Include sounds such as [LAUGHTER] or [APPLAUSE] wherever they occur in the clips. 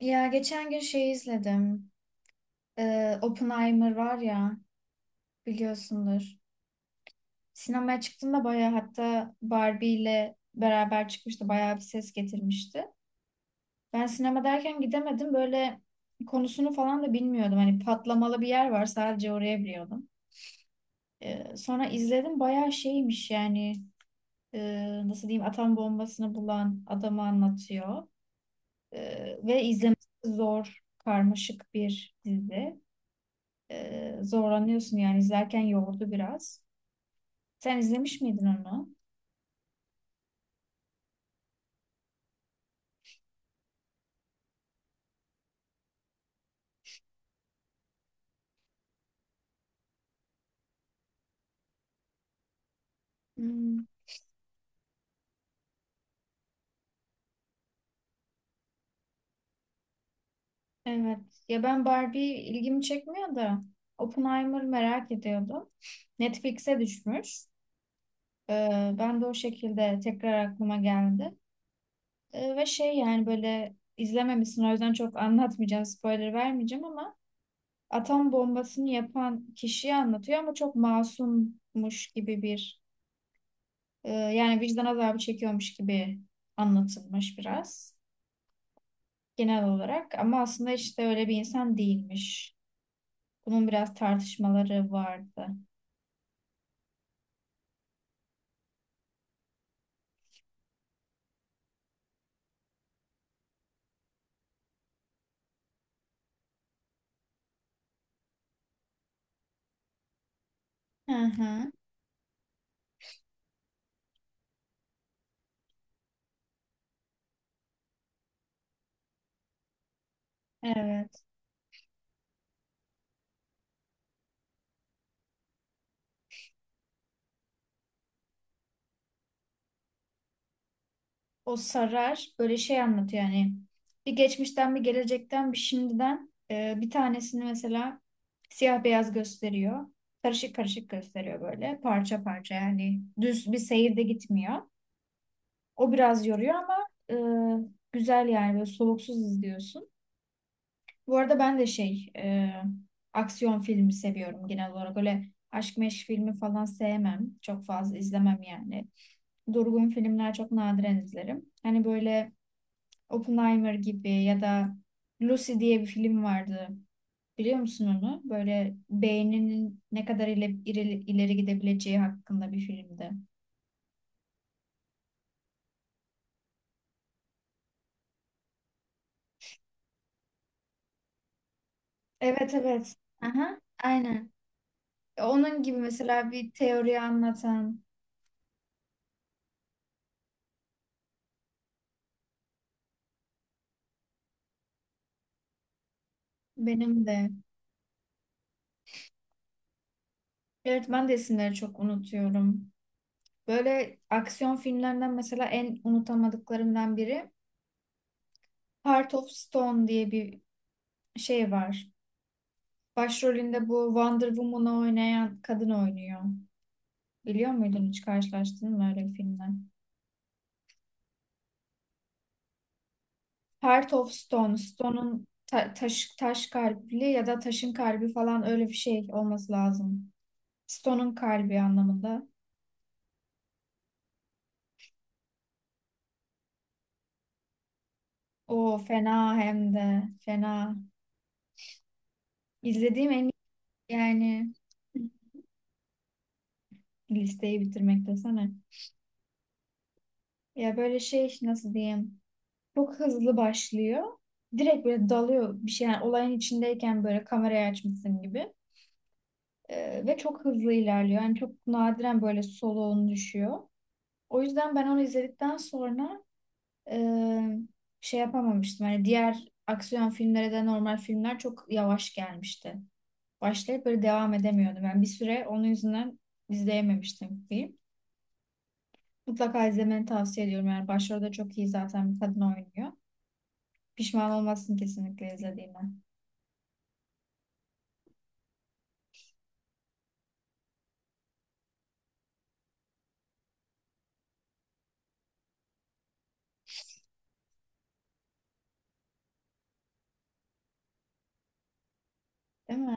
Ya geçen gün şey izledim. Oppenheimer var ya biliyorsundur. Sinemaya çıktığında bayağı hatta Barbie ile beraber çıkmıştı. Bayağı bir ses getirmişti. Ben sinema derken gidemedim. Böyle konusunu falan da bilmiyordum. Hani patlamalı bir yer var sadece oraya biliyordum. Sonra izledim bayağı şeymiş yani nasıl diyeyim atom bombasını bulan adamı anlatıyor. Ve izlemesi zor karmaşık bir dizi. Zorlanıyorsun yani izlerken yordu biraz. Sen izlemiş miydin onu? Hmm. Evet. Ya ben Barbie ilgimi çekmiyor da Oppenheimer merak ediyordum. Netflix'e düşmüş. Ben de o şekilde tekrar aklıma geldi. Ve şey yani böyle izlememişsin o yüzden çok anlatmayacağım, spoiler vermeyeceğim ama atom bombasını yapan kişiyi anlatıyor ama çok masummuş gibi bir yani vicdan azabı çekiyormuş gibi anlatılmış biraz. Genel olarak ama aslında işte öyle bir insan değilmiş. Bunun biraz tartışmaları vardı. Hı hı. Evet. O sarar böyle şey anlatıyor yani bir geçmişten bir gelecekten bir şimdiden bir tanesini mesela siyah beyaz gösteriyor. Karışık karışık gösteriyor böyle parça parça yani düz bir seyirde gitmiyor. O biraz yoruyor ama e, güzel yani böyle soluksuz izliyorsun. Bu arada ben de şey aksiyon filmi seviyorum genel olarak. Öyle aşk meşk filmi falan sevmem. Çok fazla izlemem yani. Durgun filmler çok nadiren izlerim. Hani böyle Oppenheimer gibi ya da Lucy diye bir film vardı. Biliyor musun onu? Böyle beyninin ne kadar ileri, ileri, ileri gidebileceği hakkında bir filmdi. Evet, evet. Aha. Aynen. Onun gibi mesela bir teori anlatan benim de. Evet, ben de isimleri çok unutuyorum. Böyle aksiyon filmlerinden mesela en unutamadıklarımdan biri Heart of Stone diye bir şey var. Başrolünde bu Wonder Woman'ı oynayan kadın oynuyor. Biliyor muydun, hiç karşılaştın mı öyle bir filmle? Heart of Stone, Stone'un taş, taş kalpli ya da taşın kalbi falan öyle bir şey olması lazım. Stone'un kalbi anlamında. O fena, hem de fena. İzlediğim en iyi yani, listeyi bitirmek desene. Ya böyle şey, nasıl diyeyim? Çok hızlı başlıyor. Direkt böyle dalıyor bir şey. Yani olayın içindeyken böyle kamerayı açmışsın gibi. Ve çok hızlı ilerliyor. Yani çok nadiren böyle soluğun düşüyor. O yüzden ben onu izledikten sonra e, şey yapamamıştım. Hani diğer aksiyon filmlere de, normal filmler çok yavaş gelmişti. Başlayıp böyle devam edemiyordum. Ben bir süre onun yüzünden izleyememiştim film. Mutlaka izlemeni tavsiye ediyorum. Yani başrolde çok iyi zaten bir kadın oynuyor. Pişman olmazsın kesinlikle izlediğine. Değil mi?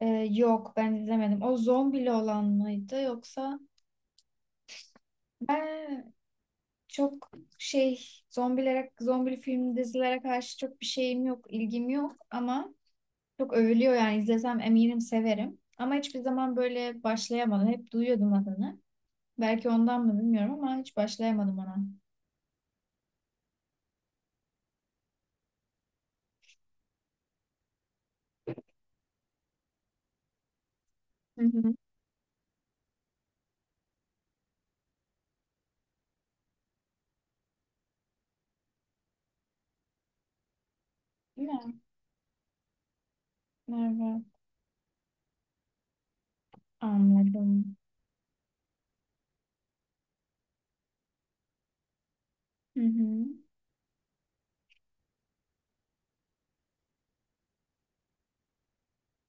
Yok, ben izlemedim. O zombili olan mıydı yoksa? Ben çok şey, zombilere, zombili film dizilere karşı çok bir şeyim yok, ilgim yok ama çok övülüyor, yani izlesem eminim severim. Ama hiçbir zaman böyle başlayamadım. Hep duyuyordum adını. Belki ondan mı bilmiyorum ama hiç başlayamadım ona. Hı hı. Değil mi? Merve. Anladım. Hı hı.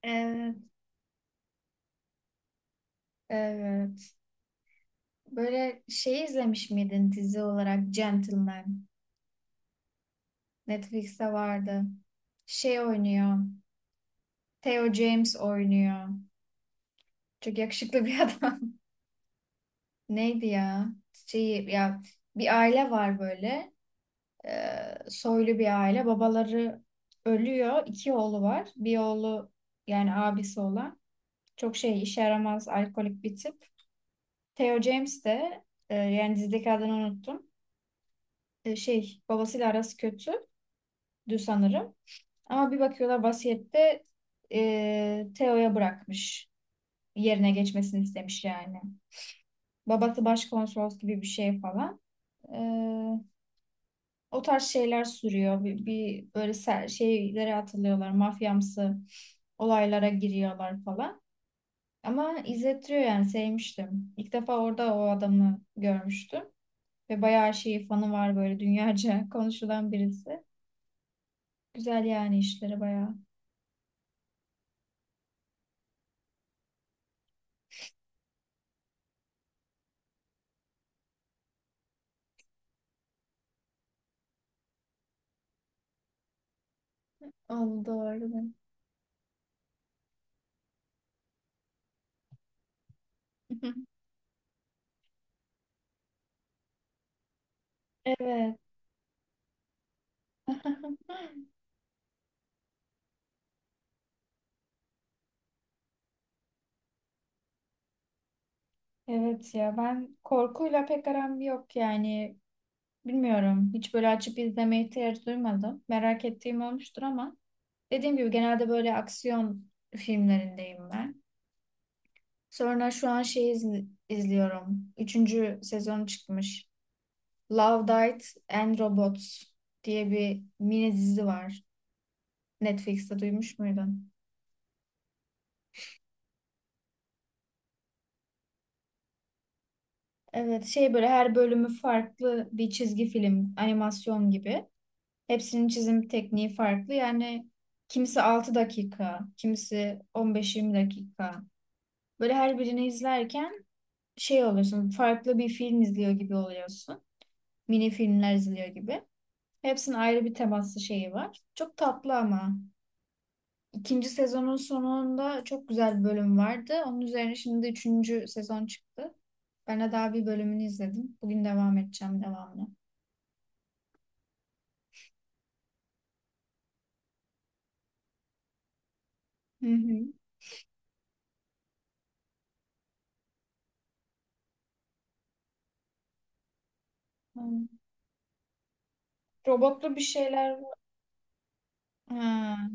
Evet. Evet. Böyle şey izlemiş miydin, dizi olarak Gentleman? Netflix'te vardı. Şey oynuyor. Theo James oynuyor. Çok yakışıklı bir adam. [LAUGHS] Neydi ya? Şey ya, bir aile var böyle. Soylu bir aile. Babaları ölüyor. İki oğlu var. Bir oğlu yani abisi olan. Çok şey, işe yaramaz alkolik bir tip. Theo James de yani dizideki adını unuttum. Şey babasıyla arası kötü sanırım. Ama bir bakıyorlar, vasiyette Theo'ya bırakmış. Yerine geçmesini istemiş yani. Babası başkonsolos gibi bir şey falan. E, o tarz şeyler sürüyor. Bir böyle şeylere atılıyorlar. Mafyamsı olaylara giriyorlar falan. Ama izletiyor yani, sevmiştim. İlk defa orada o adamı görmüştüm. Ve bayağı şeyi, fanı var böyle dünyaca [LAUGHS] konuşulan birisi. Güzel yani işleri bayağı. Oldu, doğru. [LAUGHS] Evet. [LAUGHS] Evet ya, ben korkuyla pek aram yok yani, bilmiyorum, hiç böyle açıp izlemeye ihtiyaç duymadım. Merak ettiğim olmuştur ama dediğim gibi genelde böyle aksiyon filmlerindeyim ben. Sonra şu an şey izliyorum. Üçüncü sezonu çıkmış. Love, Death and Robots diye bir mini dizi var. Netflix'te duymuş muydun? Evet, şey böyle her bölümü farklı bir çizgi film, animasyon gibi. Hepsinin çizim tekniği farklı. Yani kimisi 6 dakika, kimisi 15-20 dakika. Böyle her birini izlerken şey oluyorsun, farklı bir film izliyor gibi oluyorsun. Mini filmler izliyor gibi. Hepsinin ayrı bir temaslı şeyi var. Çok tatlı ama. İkinci sezonun sonunda çok güzel bir bölüm vardı. Onun üzerine şimdi üçüncü sezon çıktı. Ben de daha bir bölümünü izledim. Bugün devam edeceğim devamlı. Hı hı. Hı. Robotlu bir şeyler. Ha.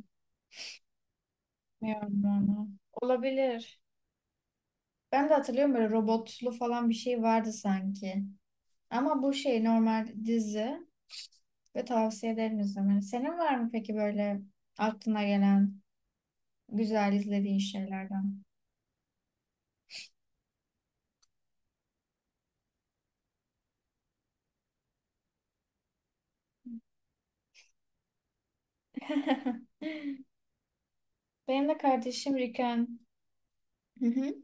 Bilmiyorum onu. Olabilir. Ben de hatırlıyorum, böyle robotlu falan bir şey vardı sanki. Ama bu şey normal dizi ve tavsiye ederim izlemeni. Senin var mı peki böyle aklına gelen güzel izlediğin şeylerden? [LAUGHS] Benim de kardeşim Riken. Hı hı.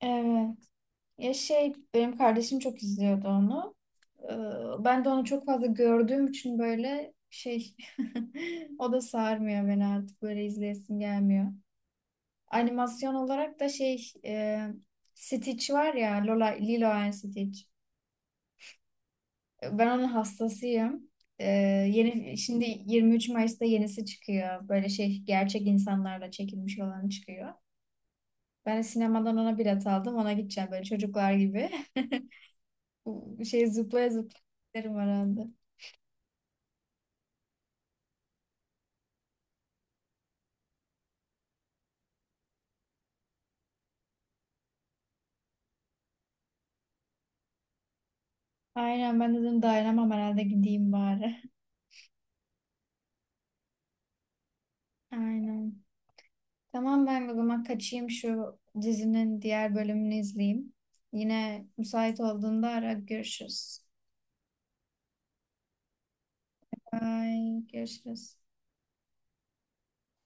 Evet. Ya şey, benim kardeşim çok izliyordu onu. Ben de onu çok fazla gördüğüm için böyle şey [LAUGHS] o da sarmıyor beni artık, böyle izleyesim gelmiyor. Animasyon olarak da şey Stitch var ya, Lola, Lilo and Stitch. Ben onun hastasıyım. E, yeni şimdi 23 Mayıs'ta yenisi çıkıyor. Böyle şey gerçek insanlarla çekilmiş olan çıkıyor. Ben de sinemadan ona bilet aldım. Ona gideceğim böyle çocuklar gibi. [LAUGHS] Bu şey zıplaya zıplaya giderim herhalde. Aynen, ben dedim dayanamam herhalde, gideyim bari. [LAUGHS] Aynen. Tamam, ben o zaman kaçayım şu dizinin diğer bölümünü izleyeyim. Yine müsait olduğunda ara, görüşürüz. Bye, görüşürüz.